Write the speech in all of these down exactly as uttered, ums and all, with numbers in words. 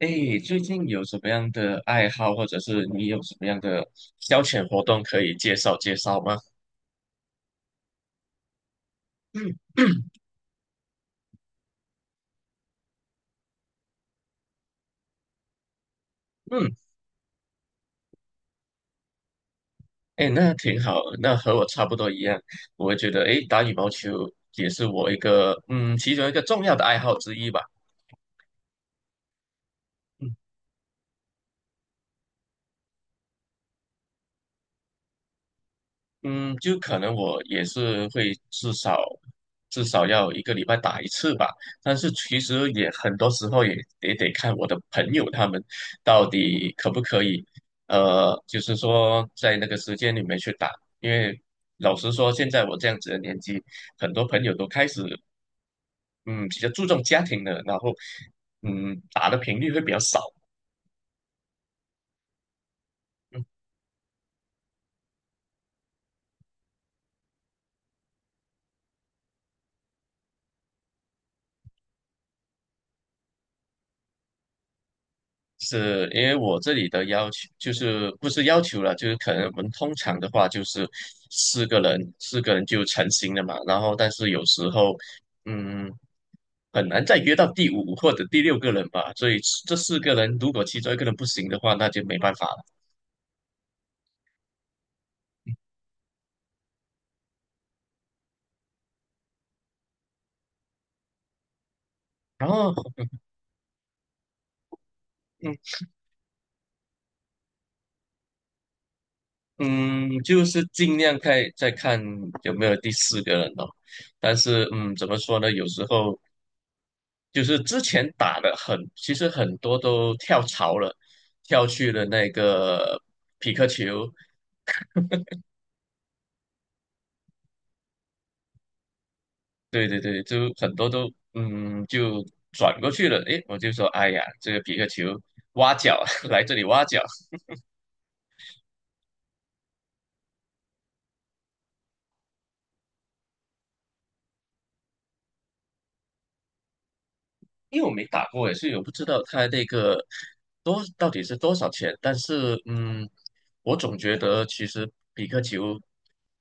哎，最近有什么样的爱好，或者是你有什么样的消遣活动可以介绍介绍吗？嗯嗯，哎，那挺好，那和我差不多一样，我会觉得，哎，打羽毛球也是我一个，嗯，其中一个重要的爱好之一吧。嗯。嗯，就可能我也是会至少至少要一个礼拜打一次吧，但是其实也很多时候也也得看我的朋友他们到底可不可以，呃，就是说在那个时间里面去打，因为老实说，现在我这样子的年纪，很多朋友都开始嗯比较注重家庭了，然后嗯打的频率会比较少。是因为我这里的要求就是不是要求了，就是可能我们通常的话就是四个人，四个人就成型了嘛。然后但是有时候，嗯，很难再约到第五或者第六个人吧。所以这四个人如果其中一个人不行的话，那就没办法了。然后，嗯嗯，就是尽量看再看有没有第四个人哦。但是，嗯，怎么说呢？有时候。就是之前打的很，其实很多都跳槽了，跳去了那个匹克球，对对对，就很多都嗯就转过去了。诶，我就说，哎呀，这个匹克球挖角 来这里挖角，因为我没打过诶，所以我不知道它那个多到底是多少钱。但是，嗯，我总觉得其实比克球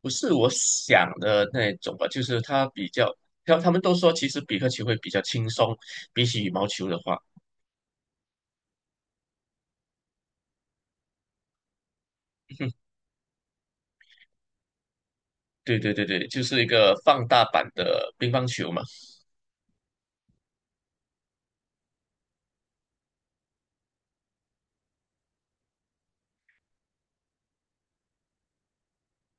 不是我想的那种吧，就是它比较，他他们都说其实比克球会比较轻松，比起羽毛球的话，对对对对，就是一个放大版的乒乓球嘛。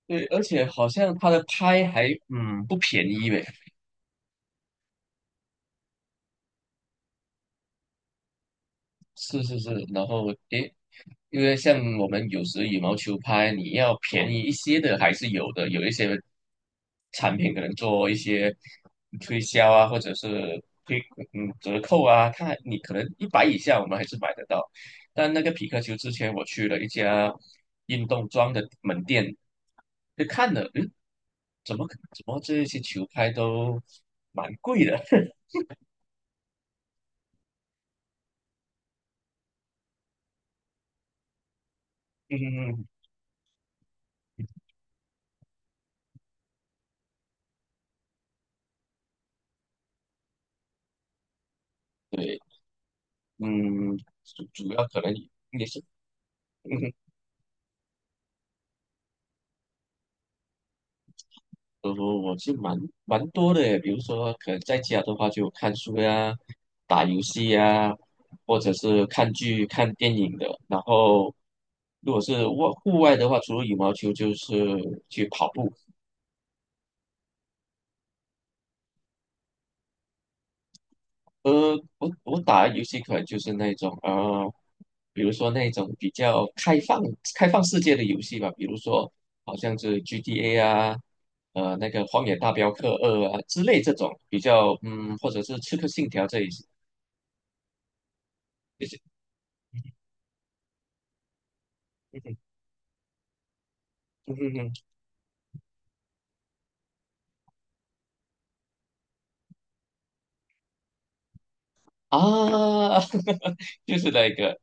对，而且好像它的拍还嗯不便宜呗。是是是，然后诶，因为像我们有时羽毛球拍，你要便宜一些的还是有的，有一些产品可能做一些推销啊，或者是推嗯折扣啊，它你可能一百以下我们还是买得到。但那个匹克球之前我去了一家运动装的门店，就看了，嗯，怎么怎么这些球拍都蛮贵的？嗯，对，嗯，主主要可能也是。嗯。我我我是蛮蛮多的耶，比如说可能在家的话就看书呀、打游戏呀，或者是看剧、看电影的。然后如果是外户外的话，除了羽毛球就是去跑步。呃，我我打的游戏可能就是那种呃，比如说那种比较开放开放世界的游戏吧，比如说好像是 G T A 啊，呃那个《荒野大镖客二》啊之类这种比较嗯，或者是《刺客信条》这一些。嗯哼嗯哼哼啊，就是那个，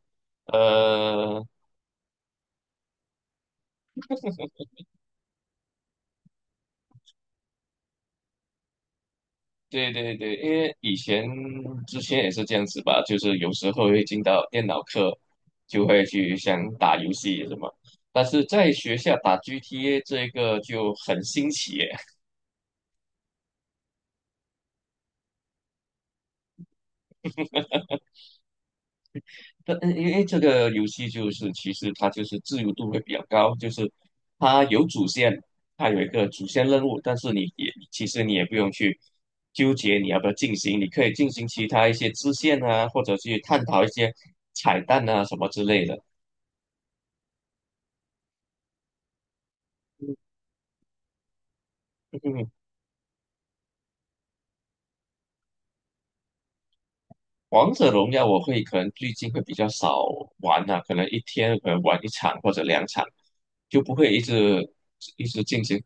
呃，对对对，因为以前之前也是这样子吧，就是有时候会进到电脑课，就会去想打游戏什么，但是在学校打 G T A 这个就很新奇耶对，嗯因为这个游戏就是其实它就是自由度会比较高，就是它有主线，它有一个主线任务，但是你也其实你也不用去纠结你要不要进行，你可以进行其他一些支线啊，或者去探讨一些彩蛋啊什么之类的。嗯，王者荣耀我会可能最近会比较少玩了、可能一天可能玩一场或者两场，就不会一直一直进行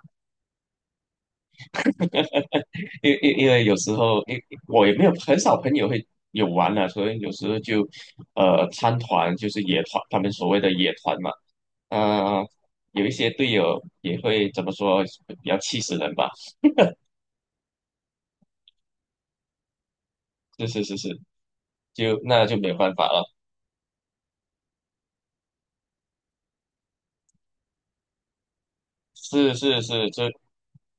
因因因为有时候，因我也没有很少朋友会有玩啊，所以有时候就呃参团，就是野团，他们所谓的野团嘛。呃，有一些队友也会怎么说，比较气死人吧。是是是是，就那就没有办法了。是是是，这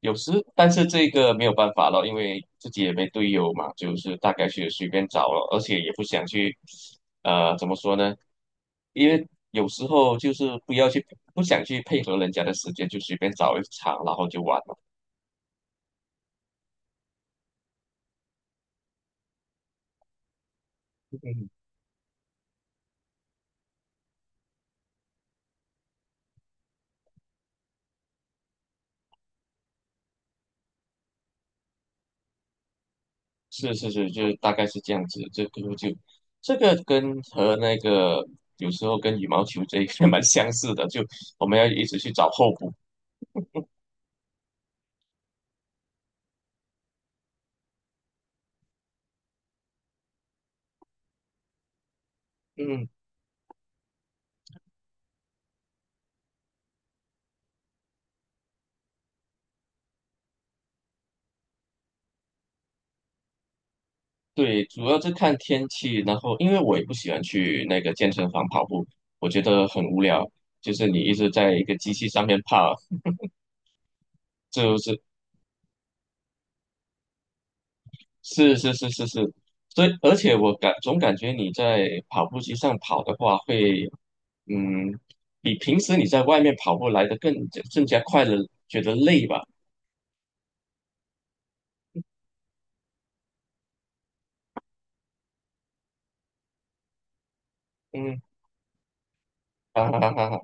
有时，但是这个没有办法了，因为自己也没队友嘛，就是大概去随便找了，而且也不想去，呃，怎么说呢？因为有时候就是不要去，不想去配合人家的时间，就随便找一场，然后就完了。嗯，是是是，就大概是这样子。这个就这个跟和那个有时候跟羽毛球这一个 蛮相似的，就我们要一直去找候补。嗯。对，主要是看天气，然后因为我也不喜欢去那个健身房跑步，我觉得很无聊，就是你一直在一个机器上面跑，就是是是是是是，所以而且我感总感觉你在跑步机上跑的话会，嗯，比平时你在外面跑步来的更更加快乐，觉得累吧？嗯，哈哈哈哈哈，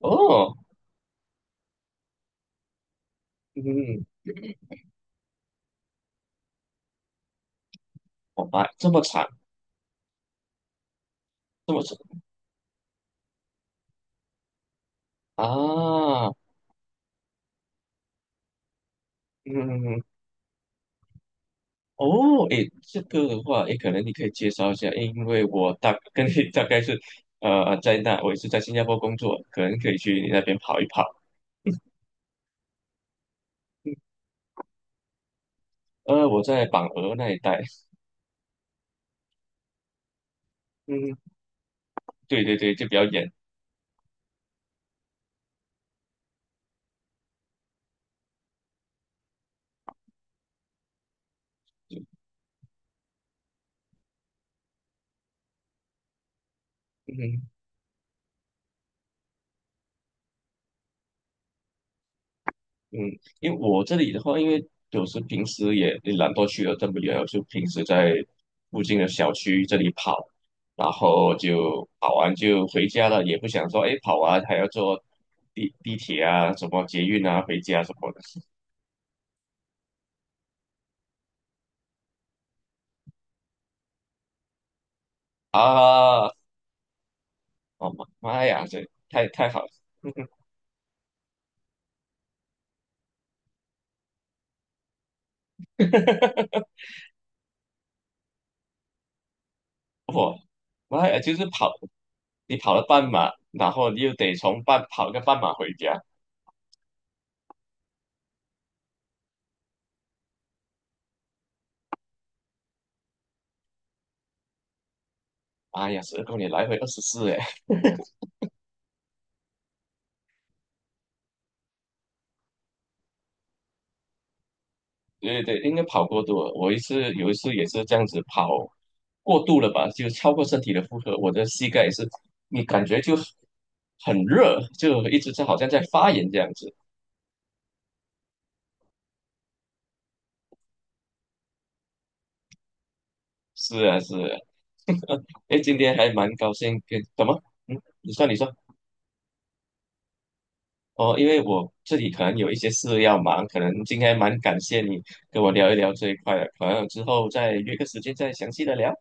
哦，嗯，我白这么惨，这么长啊，嗯。哦，诶，这个的话，诶，可能你可以介绍一下，诶因为我大跟你 大概是，呃，在那我也是在新加坡工作，可能可以去你那边跑一跑。呃，我在榜鹅那一带，嗯，对对对，就比较远，嗯嗯，因为我这里的话，因为有时平时也也懒惰去了这么远，我就平时在附近的小区这里跑，然后就跑完就回家了，也不想说，诶，跑完还要坐地地铁啊，什么捷运啊，回家什么的。啊，哦妈妈呀，这太太好了，我妈呀，就是跑，你跑了半马，然后你又得从半跑个半马回家，哎呀，十二公里来回二十四，哎，对对，应该跑过度了。我一次有一次也是这样子跑过度了吧，就超过身体的负荷，我的膝盖也是，你感觉就很热，就一直在好像在发炎这样子。是啊，是啊，哎，今天还蛮高兴跟，怎么？嗯，你说，你说。哦，因为我自己可能有一些事要忙，可能今天蛮感谢你跟我聊一聊这一块的，可能之后再约个时间再详细的聊。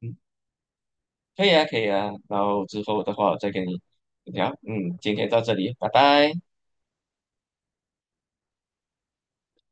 嗯，可以啊，可以啊。然后之后的话，我再跟你聊。嗯，今天到这里，拜拜。